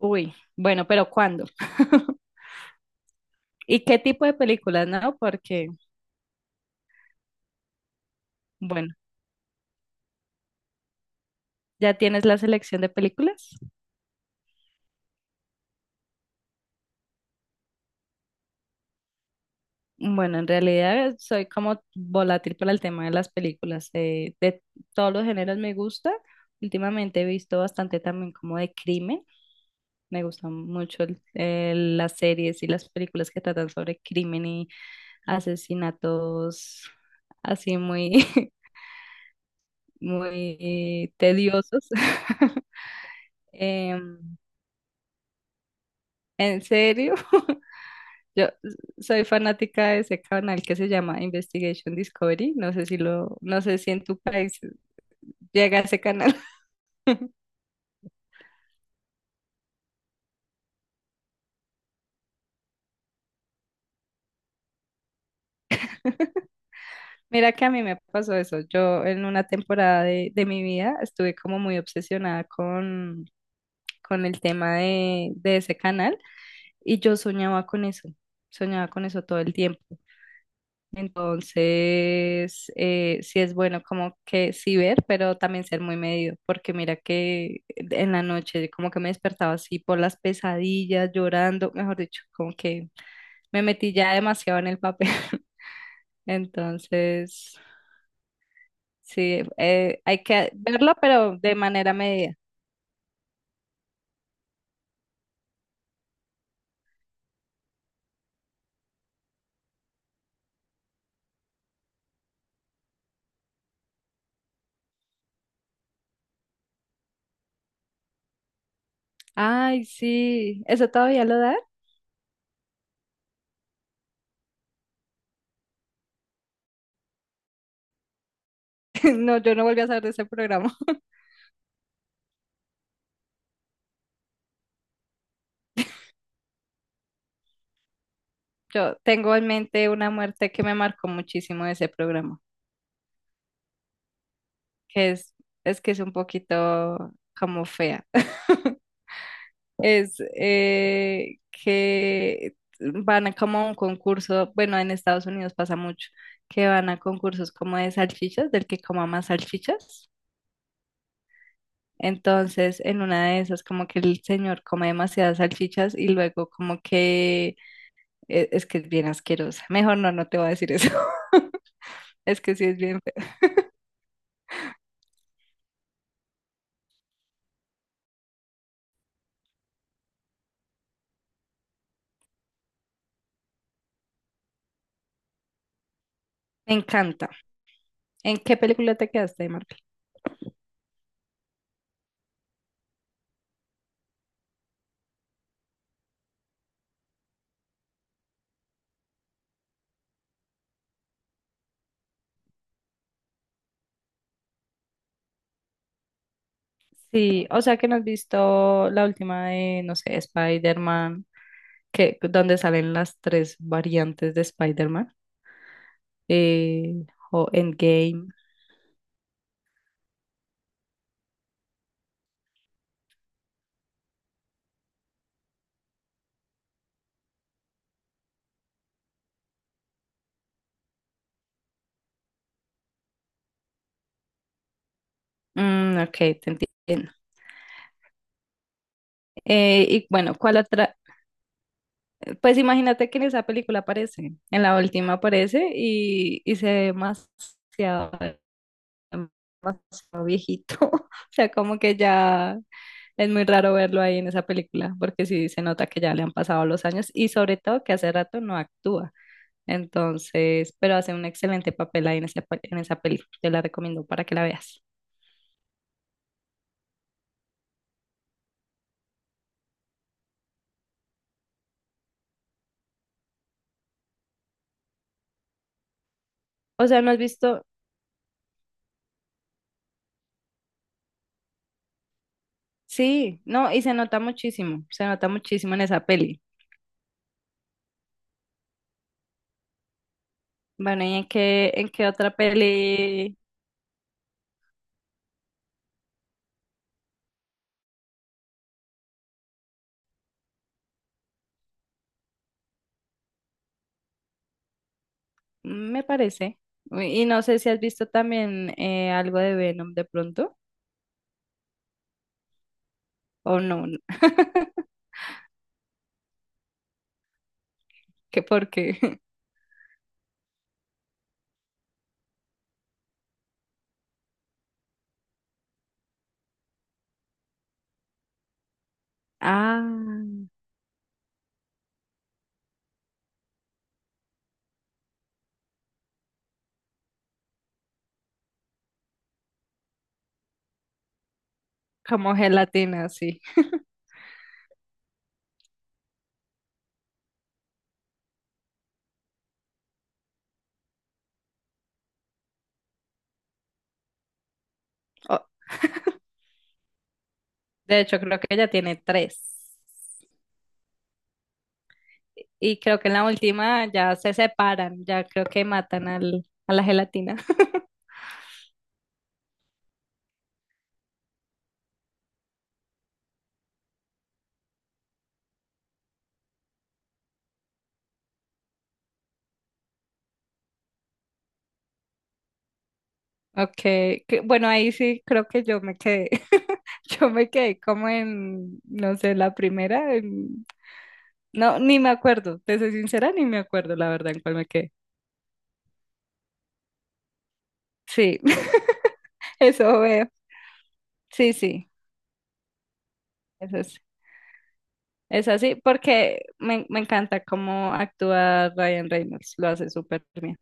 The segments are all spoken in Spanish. Uy, bueno, pero ¿cuándo? ¿Y qué tipo de películas, no? Porque, bueno, ¿ya tienes la selección de películas? Bueno, en realidad soy como volátil para el tema de las películas. De todos los géneros me gusta. Últimamente he visto bastante también como de crimen. Me gustan mucho las series y las películas que tratan sobre crimen y asesinatos así muy, muy tediosos. Em, ¿En serio? Yo soy fanática de ese canal que se llama Investigation Discovery. No sé si lo, no sé si en tu país llega ese canal. Mira que a mí me pasó eso. Yo en una temporada de mi vida estuve como muy obsesionada con el tema de ese canal y yo soñaba con eso. Soñaba con eso todo el tiempo. Entonces, sí es bueno como que sí ver, pero también ser muy medido, porque mira que en la noche como que me despertaba así por las pesadillas, llorando, mejor dicho, como que me metí ya demasiado en el papel. Entonces, sí, hay que verlo, pero de manera medida. Ay, sí, ¿eso todavía lo da? No, yo no volví a saber de ese programa. Yo tengo en mente una muerte que me marcó muchísimo de ese programa. Que es que es un poquito como fea. Es que van a como a un concurso, bueno, en Estados Unidos pasa mucho, que van a concursos como de salchichas, del que coma más salchichas. Entonces, en una de esas, como que el señor come demasiadas salchichas y luego como que es que es bien asquerosa. Mejor no, no te voy a decir eso. Es que sí es bien fea. Me encanta. ¿En qué película te quedaste, Marco? Sí, o sea que no has visto la última de, no sé, Spider-Man, que, donde salen las tres variantes de Spider-Man, eh, o Endgame. Mm, ok, te entiendo. Y bueno, ¿cuál otra? Pues imagínate que en esa película aparece, en la última aparece y se ve demasiado, demasiado viejito. O sea, como que ya es muy raro verlo ahí en esa película, porque sí se nota que ya le han pasado los años y sobre todo que hace rato no actúa. Entonces, pero hace un excelente papel ahí en esa, en esa película. Te la recomiendo para que la veas. O sea, no has visto, sí, no, y se nota muchísimo en esa peli. Bueno, ¿y en qué otra peli me parece? Y no sé si has visto también algo de Venom de pronto, o no. ¿Qué porque? Ah, como gelatina, sí. Oh, de hecho, creo que ya tiene tres. Y creo que en la última ya se separan, ya creo que matan al, a la gelatina. Ok, bueno, ahí sí creo que yo me quedé. Yo me quedé como en, no sé, la primera. No, ni me acuerdo, te soy sincera, ni me acuerdo la verdad en cuál me quedé. Sí, eso veo. Sí, sí, eso es. Es así porque me encanta cómo actúa Ryan Reynolds, lo hace súper bien.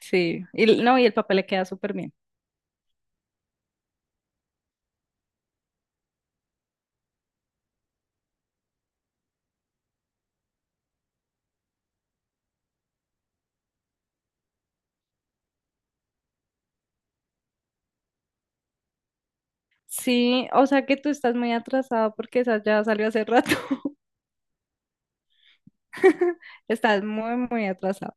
Sí, y no, y el papel le queda súper bien. Sí, o sea que tú estás muy atrasado porque esa ya salió hace rato. Estás muy, muy atrasado.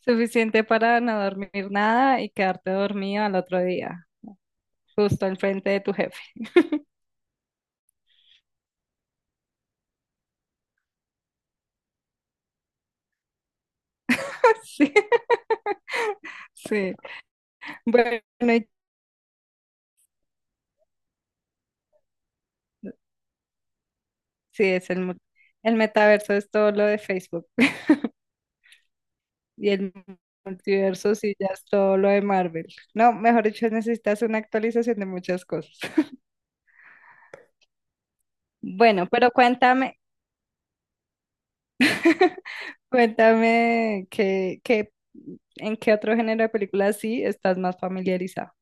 Suficiente para no dormir nada y quedarte dormido al otro día, justo enfrente de tu jefe. Sí, sí. Bueno, sí, es el, el metaverso es todo lo de Facebook y el multiverso sí ya es todo lo de Marvel. No, mejor dicho, necesitas una actualización de muchas cosas. Bueno, pero cuéntame, cuéntame qué, qué, en qué otro género de películas sí estás más familiarizado.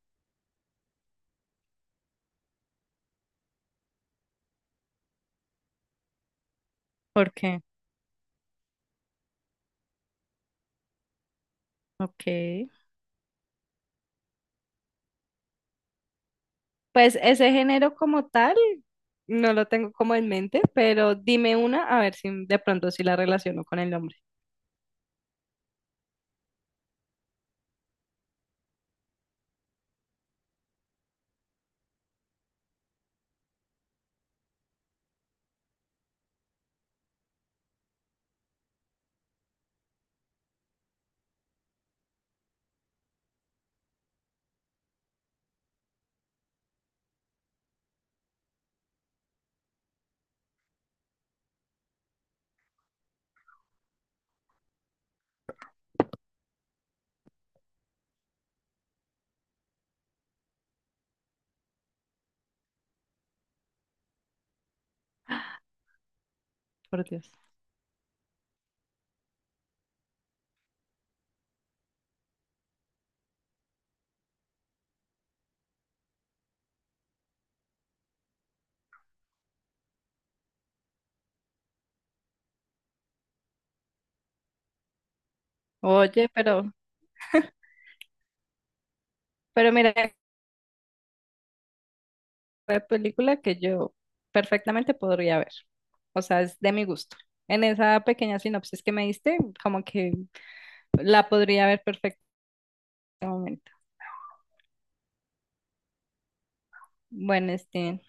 ¿Por qué? Ok. Pues ese género como tal no lo tengo como en mente, pero dime una a ver si de pronto sí la relaciono con el nombre. Por Dios. Oye, pero mira de película que yo perfectamente podría ver. O sea, es de mi gusto. En esa pequeña sinopsis que me diste, como que la podría ver perfectamente. Bueno, este,